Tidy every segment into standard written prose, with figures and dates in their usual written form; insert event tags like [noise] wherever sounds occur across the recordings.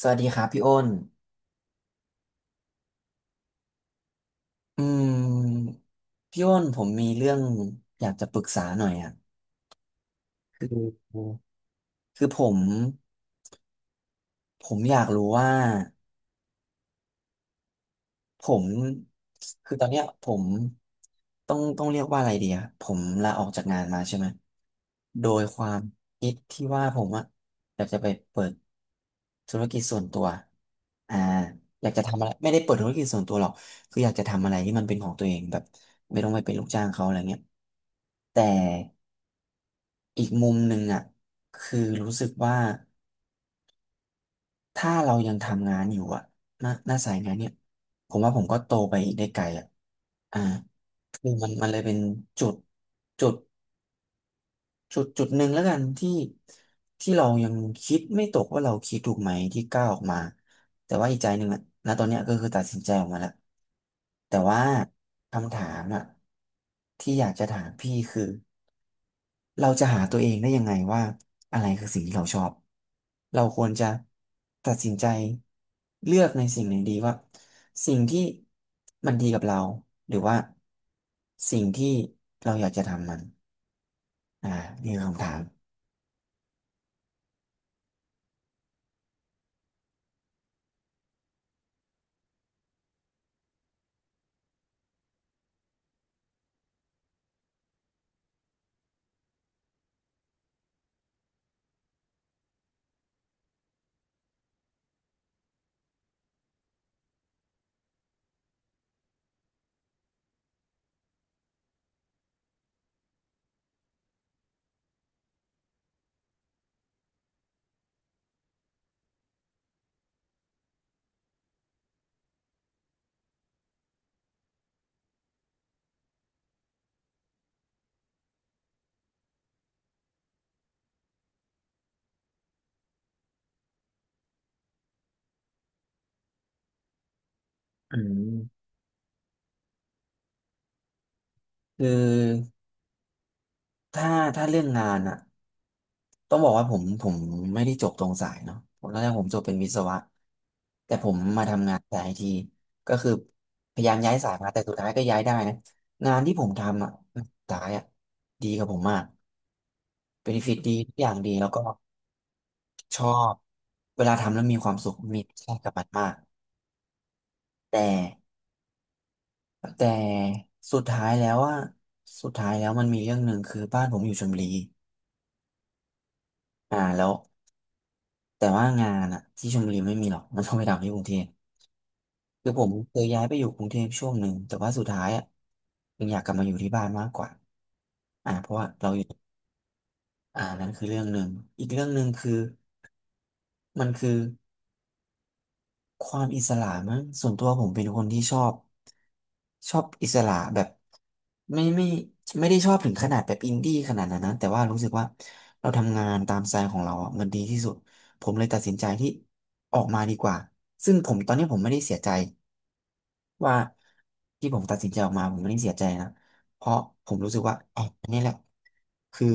สวัสดีครับพี่อ้นอืมพี่อ้นผมมีเรื่องอยากจะปรึกษาหน่อยอ่ะ คือคือผมอยากรู้ว่า ผมคือตอนเนี้ยผมต้องเรียกว่าอะไรดีอะผมลาออกจากงานมาใช่ไหมโดยความคิดที่ว่าผมอะอยากจะไปเปิดธุรกิจส่วนตัวอ่าอยากจะทำอะไรไม่ได้เปิดธุรกิจส่วนตัวหรอกคืออยากจะทำอะไรที่มันเป็นของตัวเองแบบไม่ต้องไปเป็นลูกจ้างเขาอะไรเงี้ยแต่อีกมุมหนึ่งอะคือรู้สึกว่า ถ้าเรายังทำงานอยู่อะหน้าสายงานเนี่ยผมว่าผมก็โตไปได้ไกลอะอ่าคือมันเลยเป็นจุดจุดจุดจุดหนึ่งแล้วกันที่ที่เรายังคิดไม่ตกว่าเราคิดถูกไหมที่ก้าวออกมาแต่ว่าอีกใจหนึ่งอะณตอนเนี้ยก็คือตัดสินใจออกมาแล้วแต่ว่าคำถามอะที่อยากจะถามพี่คือ เราจะหาตัวเองได้ยังไงว่าอะไรคือสิ่งที่เราชอบ เราควรจะตัดสินใจเลือกในสิ่งไหนดีว่าสิ่งที่มันดีกับเราหรือว่าสิ่งที่เราอยากจะทำมันอ่านี่คือคำถามอืมคือถ้าถ้าเรื่องงานอะ ต้องบอกว่าผมไม่ได้จบตรงสายเนาะผมตอนแรกผมจบเป็นวิศวะแต่ผมมาทำงานสายไอทีก็คือพยายามย้ายสายมาแต่สุดท้ายก็ย้ายได้นะงานที่ผมทำอ่ะสายอ่ะดีกับผมมากเบนฟิตดีทุกอย่างดีแล้วก็ชอบเวลาทำแล้วมีความสุขมีแค่กับมันมากแต่แต่สุดท้ายแล้วอ่ะสุดท้ายแล้วมันมีเรื่องหนึ่งคือบ้านผมอยู่ชลบุรีแล้วแต่ว่างานอ่ะที่ชลบุรีไม่มีหรอกมันต้องไปทำที่กรุงเทพ คือผมเคยย้ายไปอยู่กรุงเทพช่วงหนึ่งแต่ว่าสุดท้ายอ่ะยังอยากกลับมาอยู่ที่บ้านมากกว่าอ่าเราอยู่นั่นคือเรื่องหนึ่งอีกเรื่องหนึ่งคือมันคือความอิสระมั้งส่วนตัวผมเป็นคนที่ชอบอิสระแบบไม่ไม่ไม่ได้ชอบถึงขนาดแบบอินดี้ขนาดนั้นนะแต่ว่ารู้สึกว่าเราทำงานตามสไตล์ของเราอ่ะมันดีที่สุดผมเลยตัดสินใจที่ออกมาดีกว่าซึ่งผมตอนนี้ผมไม่ได้เสียใจ ว่าที่ผมตัดสินใจออกมาผมไม่ได้เสียใจนะเพราะผมรู้สึกว่าอ๋ออันนี้แหละคือ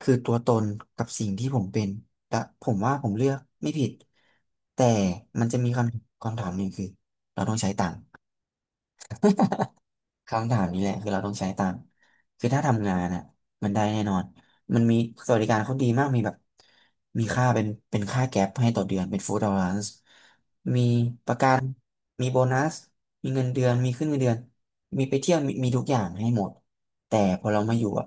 คือตัวตนกับสิ่งที่ผมเป็นและผมว่าผมเลือกไม่ผิดแต่มันจะมีคำถามหนึ่งคือเราต้องใช้ตังค์ คำถามนี้แหละคือเราต้องใช้ตังค์คือถ้าทำงานอ่ะมันได้แน่นอนมันมีสวัสดิการเขาดีมากมีแบบมีค่าเป็นค่าแก๊ปให้ต่อเดือนเป็นฟู้ดอล a ร c e มีประกันมีโบนัสมีเงินเดือนมีขึ้นเงินเดือนมีไปเที่ยวมีทุกอย่างให้หมดแต่พอเรามาอยู่อ่ะ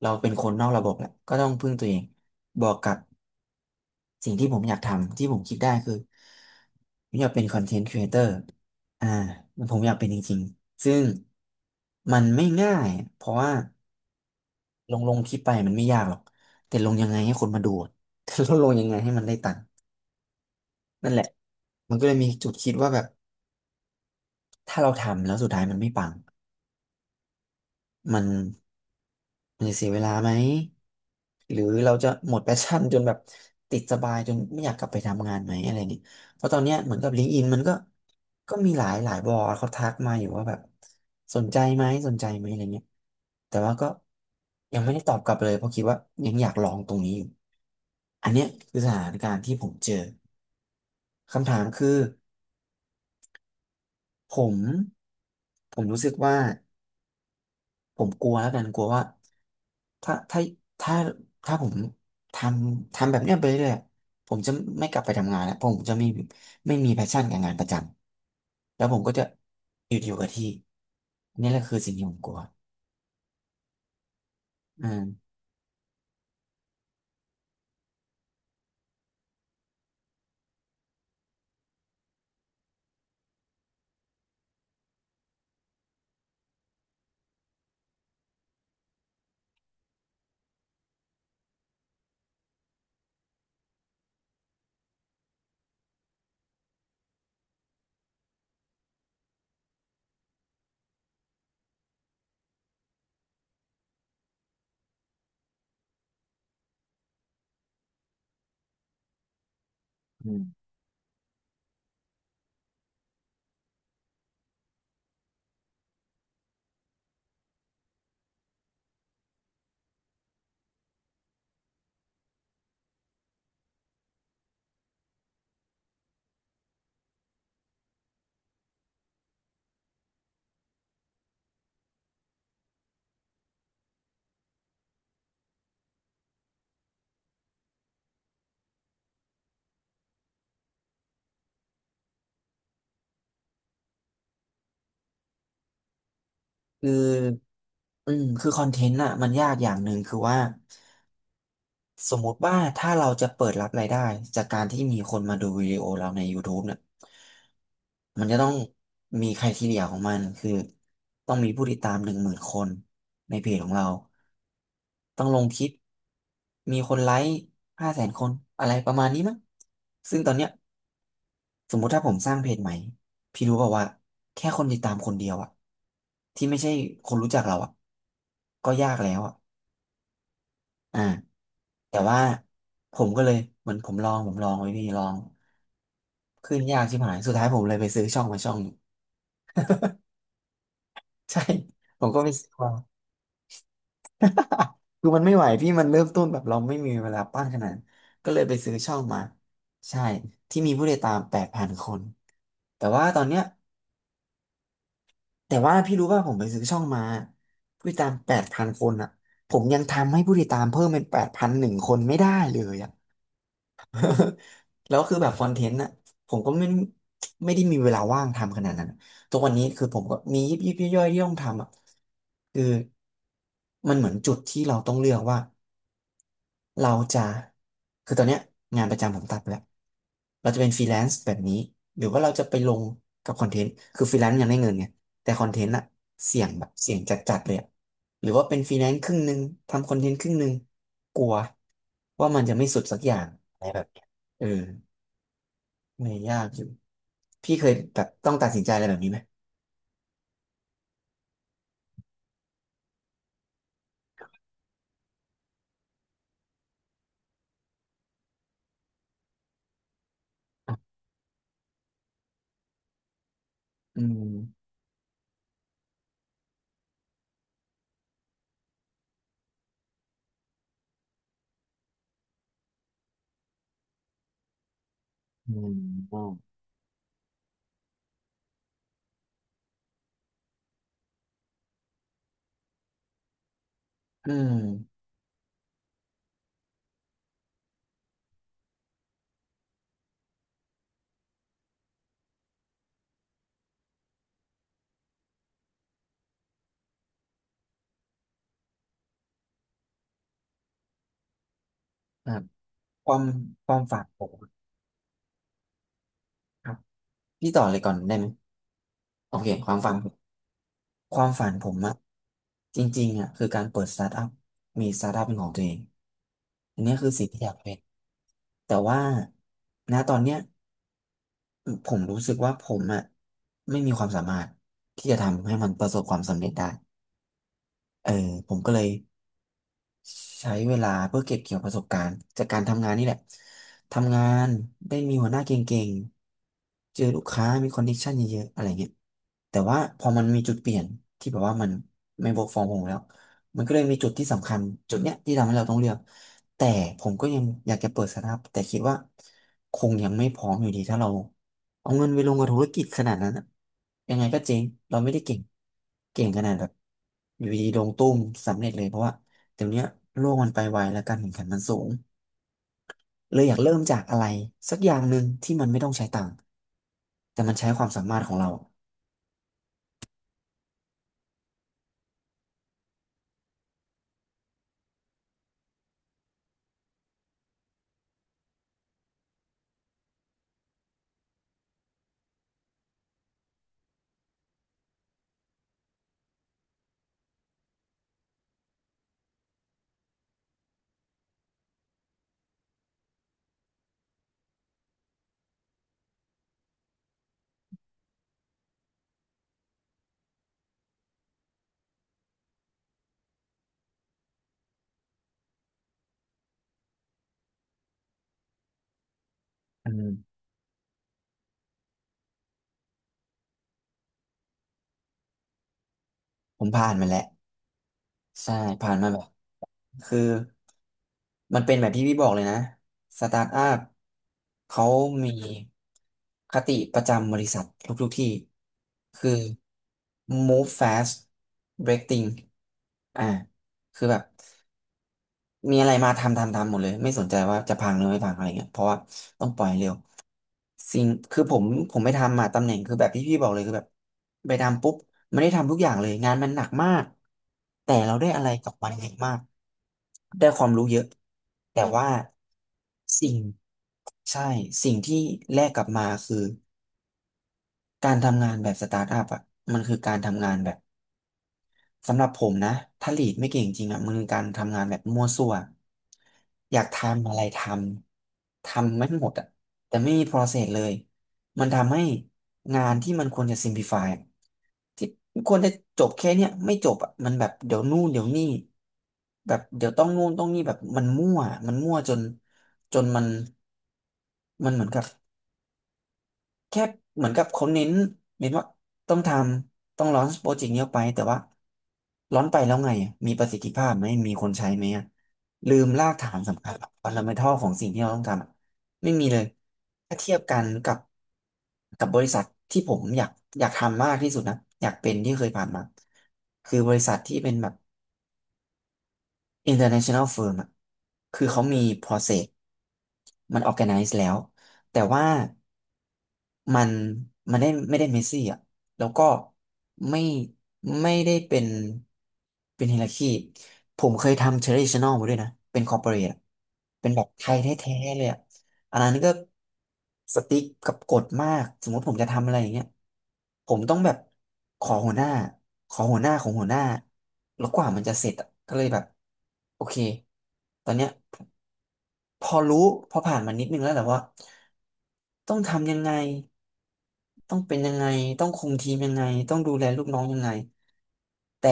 เราเป็นคนนอกระบบแหละก็ต้องพึ่งตัวเองบอกกับ สิ่งที่ผมอยากทำที่ผมคิดได้คือผมอยากเป็นคอนเทนต์ครีเอเตอร์อ่ามันผมอยากเป็นจริงๆซึ่งมันไม่ง่ายเพราะว่าลงคลิปไปมันไม่ยากหรอกแต่ลงยังไงให้คนมาดูอะ [laughs] แต่ดลงยังไงให้มันได้ตังค์นั่นแหละมันก็เลยมีจุดคิดว่าแบบถ้าเราทำแล้วสุดท้ายมันไม่ปัง มันมันจะเสียเวลาไหมหรือเราจะหมดแพชชั่นจนแบบติดสบายจนไม่อยากกลับไปทำงานไหมอะไรเงี้ยเพราะตอนเนี้ยเหมือนกับลิงก์อินมันก็มีหลายบอร์ดเขาทักมาอยู่ว่าแบบสนใจไหมสนใจไหมอะไรเงี้ยแต่ว่าก็ยังไม่ได้ตอบกลับเลยเพราะคิดว่ายังอยากลองตรงนี้อยู่อันเนี้ยคือสถานการณ์ที่ผมเจอคำถามคือผมผมรู้สึกว่า ผมกลัวแล้วกันกลัวว่าถ้าถ้าถ้าถ้าผมททำแบบเนี้ยไปเรื่อยๆผมจะไม่กลับไปทำงานแล้วเพราะผมจะไม่มีแพชชั่นกับงานประจำแล้วผมก็จะอยู่กับที่นี่แหละคือสิ่งที่ผมกลัวอืมอืมคืออืมคือคอนเทนต์อ่ะมันยากอย่างหนึ่งคือว่า สมมุติว่าถ้าเราจะเปิดรับรายได้จากการที่มีคนมาดูวิดีโอเราใน YouTube เนี่ยมันจะต้องมีไครทีเรียของมันคือต้องมีผู้ติดตาม10,000 คนในเพจของเราต้องลงคลิปมีคนไลค์500,000 คนอะไรประมาณนี้มั้งซึ่งตอนเนี้ยสมมุติถ้าผมสร้างเพจใหม่พี่รู้เปล่าว่าแค่คนติดตามคนเดียวอะที่ไม่ใช่คนรู้จักเราอะก็ยากแล้วอะอ่า แต่ว่าผมก็เลยเหมือนผมลองไว้พี่ลองขึ้นยากชิบหายสุดท้ายผมเลยไปซื้อช่องมาช่องหนึ่ง [laughs] ใช่ผมก็ไปซื้อมา [laughs] คือมันไม่ไหวพี่มันเริ่มต้นแบบเราไม่มีเวลาปั้นขนาดนั้นก็เลยไปซื้อช่องมาใช่ที่มีผู้ติดตามแปดพันคนแต่ว่าตอนเนี้ยแต่ว่าพี่รู้ว่าผมไปซื้อช่องมาผู้ติดตามแปดพันคนอ่ะผมยังทำให้ผู้ติดตามเพิ่มเป็น8,001 คนไม่ได้เลยอ่ะ [laughs] แล้วคือแบบคอนเทนต์น่ะผมก็ไม่ได้มีเวลาว่างทำขนาดนั้นอะทุกวันนี้คือผมก็มียิบยิบย่อยๆที่ต้องทำอ่ะคือมันเหมือนจุดที่เราต้องเลือกว่าเราจะคือตอนเนี้ยงานประจำผมตัดไปแล้วเราจะเป็นฟรีแลนซ์แบบนี้หรือว่าเราจะไปลงกับคอนเทนต์คือฟรีแลนซ์ยังได้เงินไงแต่คอนเทนต์อะเสี่ยงแบบเสี่ยงจัดๆเลยอะหรือว่าเป็นฟรีแลนซ์ครึ่งหนึ่งทำคอนเทนต์ครึ่งหนึ่งกลัวว่ามันจะไม่สุดสักอย่างอะไรแบบเนี้ยเออ ไม่อยยากอยู่พี่เคยแบบต้องตัดสินใจอะไรแบบนี้ไหมอืมอืมอืออืมครับความความฝันผมอะครับ พี่ต่อเลยก่อนได้ไหม โอเคความฝันความฝันผมอะจริงๆอะคือการเปิดสตาร์ทอัพมีสตาร์ทอัพเป็นของตัวเองอันนี้คือสิ่งที่อยากเป็นแต่ว่าณตอนเนี้ยผมรู้สึกว่าผมอะไม่มีความสามารถที่จะทำให้มันประสบความสำเร็จได้ เออผมก็เลย ใช้เวลาเพื่อเก็บเกี่ยวประสบการณ์จากการทำงานนี่แหละ ทำงานได้มีหัวหน้าเก่งๆเจอลูกค้ามีคอนเนคชั่นเยอะๆอะไรเงี้ยแต่ว่าพอมันมีจุดเปลี่ยนที่แบบว่ามันไม่ work from home แล้วมันก็เลยมีจุดที่สำคัญจุดเนี้ยที่ทำให้เราต้องเลือกแต่ผมก็ยังอยากจะเปิดสตาร์ทอัพแต่คิดว่าคงยังไม่พร้อมอยู่ดีถ้าเราเอาเงินไปลงกับธุรกิจขนาดนั้นอะยังไงก็เจ๊งเราไม่ได้เก่งเก่งขนาดแบบอยู่ดีลงตุ้มสำเร็จเลยเพราะว่า เดี๋ยวเนี้ยโลกมันไปไวและการแข่งขันมันสูงเลยอยากเริ่มจากอะไรสักอย่างหนึ่งที่มันไม่ต้องใช้ตังค์แต่มันใช้ความสามารถของเราอืมผมผ่านมาแล้วใช่ผ่านมาแบบคือมันเป็นแบบที่พี่บอกเลยนะสตาร์ทอัพเขามีคติประจำบริษัททุกๆที่คือ move fast break things อ่าคือแบบ มีอะไรมาทำทำทำหมดเลยไม่สนใจว่าจะพังหรือไม่พังอะไรเงี้ยเพราะว่าต้องปล่อยเร็วสิ่งคือผมไปทำมาตำแหน่งคือแบบที่พี่บอกเลยคือแบบไปทำปุ๊บไม่ได้ทำทุกอย่างเลยงานมันหนักมากแต่เราได้อะไรกลับมันเยอะมากได้ความรู้เยอะแต่ว่าสิ่งใช่สิ่งที่แลกกลับมาคือการทำงานแบบสตาร์ทอัพอ่ะมันคือการทำงานแบบ สำหรับผมนะถ้าลีดไม่เก่งจริงอ่ะมันคือการทำงานแบบมั่วซั่วอยากทำอะไรทำทำไม่หมดอ่ะแต่ไม่มี process เลยมันทำให้งานที่มันควรจะ simplify อะที่ควรจะจบแค่เนี้ยไม่จบอ่ะมันแบบเดี๋ยวนู่นเดี๋ยวนี่แบบเดี๋ยวต้องนู่นต้องนี่แบบมันมั่วจนจนมันมันเหมือนกับ แค่เหมือนกับเขาเน้นว่าต้องทำต้องลอนช์โปรเจกต์นี้ออกไปแต่ว่าลอนช์ไปแล้วไงอะมีประสิทธิภาพไหมมีคนใช้ไหมอะลืมรากฐานสำคัญฟันดัเมนทัลของสิ่งที่เราต้องทำอะไม่มีเลยถ้าเทียบกันกับกับบริษัทที่ผมอยากทำมากที่สุดนะอยากเป็นที่เคยผ่านมาคือบริษัทที่เป็นแบบ international firm อะคือเขามี process มัน organize แล้ว แต่ว่ามันมันได้ไม่ได้เมสซี่อ่ะแล้วก็ไม่ไม่ได้เป็นเป็นไฮรักีผมเคยทำ traditional มาด้วยนะ เป็น corporate อะเป็นแบบไทยแท้ๆเลยอ่ะ อันนั้นก็สติ๊กกับกฎมากสมมติผมจะทำอะไรอย่างเงี้ยผมต้องแบบขอหัวหน้าขอหัวหน้าของหัวหน้าแล้วกว่ามันจะเสร็จอะก็เลยแบบโอเคตอนเนี้ยพอรู้พอผ่านมานิดนึงแล้วแหละว่าต้องทำยังไงต้องเป็นยังไงต้องคุมทีมยังไงต้องดูแลลูกน้องยังไงแต่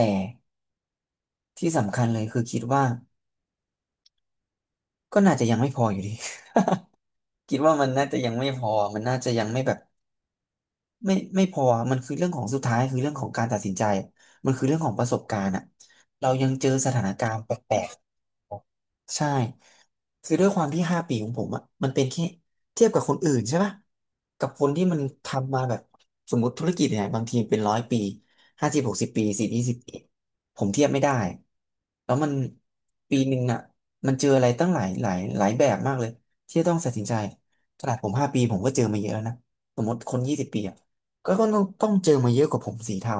ที่สำคัญเลยคือคิดว่าก็น่าจะยังไม่พออยู่ดี [laughs] คิดว่ามันน่าจะยังไม่พอมันน่าจะยังไม่แบบ ไม่พออะมันคือเรื่องของสุดท้ายคือเรื่องของการตัดสินใจมันคือเรื่องของประสบการณ์อะเรายังเจอสถานการณ์แปลกๆใช่คือด้วยความที่ห้าปีของผมอะมันเป็นแค่เทียบกับคนอื่นใช่ปะกับคนที่มันทำมาแบบสมมติธุรกิจเนี่ยบางทีเป็น100 ปี50 60 ปีสี่ยี่สิบปีผมเทียบไม่ได้แล้วมัน1 ปีอะมันเจออะไรตั้งหลายหลายหลายแบบมากเลยที่จะต้องตัดสินใจขนาดผมห้าปีผมก็เจอมาเยอะแล้วนะสมมติคนยี่สิบปีอะ ก็ต้องเจอมาเยอะกว่าผมสีเทา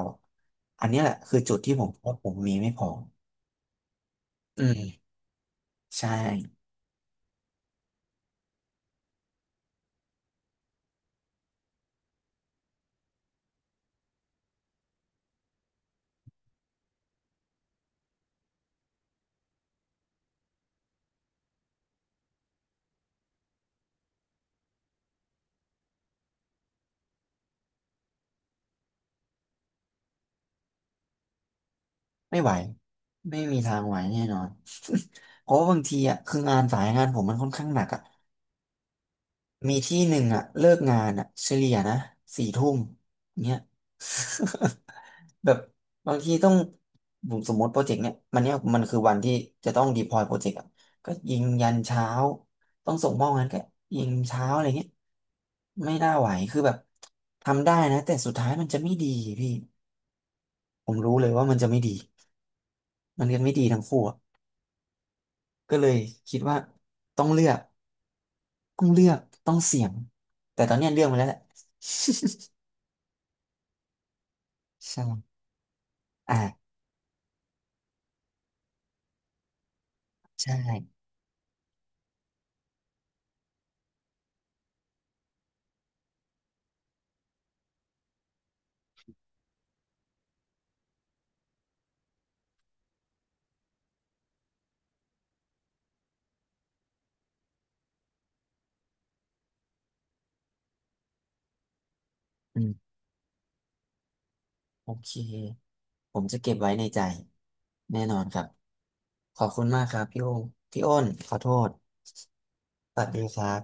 อันเนี้ยแหละคือจุดที่ผมว่าผมมีไม่พออืมใช่ไม่ไหวไม่มีทางไหวแน่นอน [laughs] เพราะว่าบางทีอ่ะคืองานสายงานผมมันค่อนข้างหนักอ่ะมีที่หนึ่งอ่ะเลิกงานอ่ะเฉลี่ยนะสี่ทุ่มเนี้ย [laughs] แบบบางทีต้องผมสมมติโปรเจกต์เนี้ยมันเนี้ยมันคือวันที่จะต้องดีพลอยโปรเจกต์อ่ะก็ยิงยันเช้าต้องส่งมอบงานก็ยิงเช้าอะไรเงี้ยไม่น่าไหวคือแบบทำได้นะแต่สุดท้ายมันจะไม่ดีพี่ผมรู้เลยว่ามันจะไม่ดีมันเรียนไม่ดีทั้งคู่อะก็เลยคิดว่าต้องเลือกต้องเลือกต้องเสี่ยงแต่ตอนเนี้ยเลือกมาแล้วแหละ [laughs] ใช่อ่าใช่อืม โอเค ผมจะเก็บไว้ในใจแน่นอนครับ ขอบคุณมากครับพี่โอ้พี่อ้นขอโทษสวัสดีครับ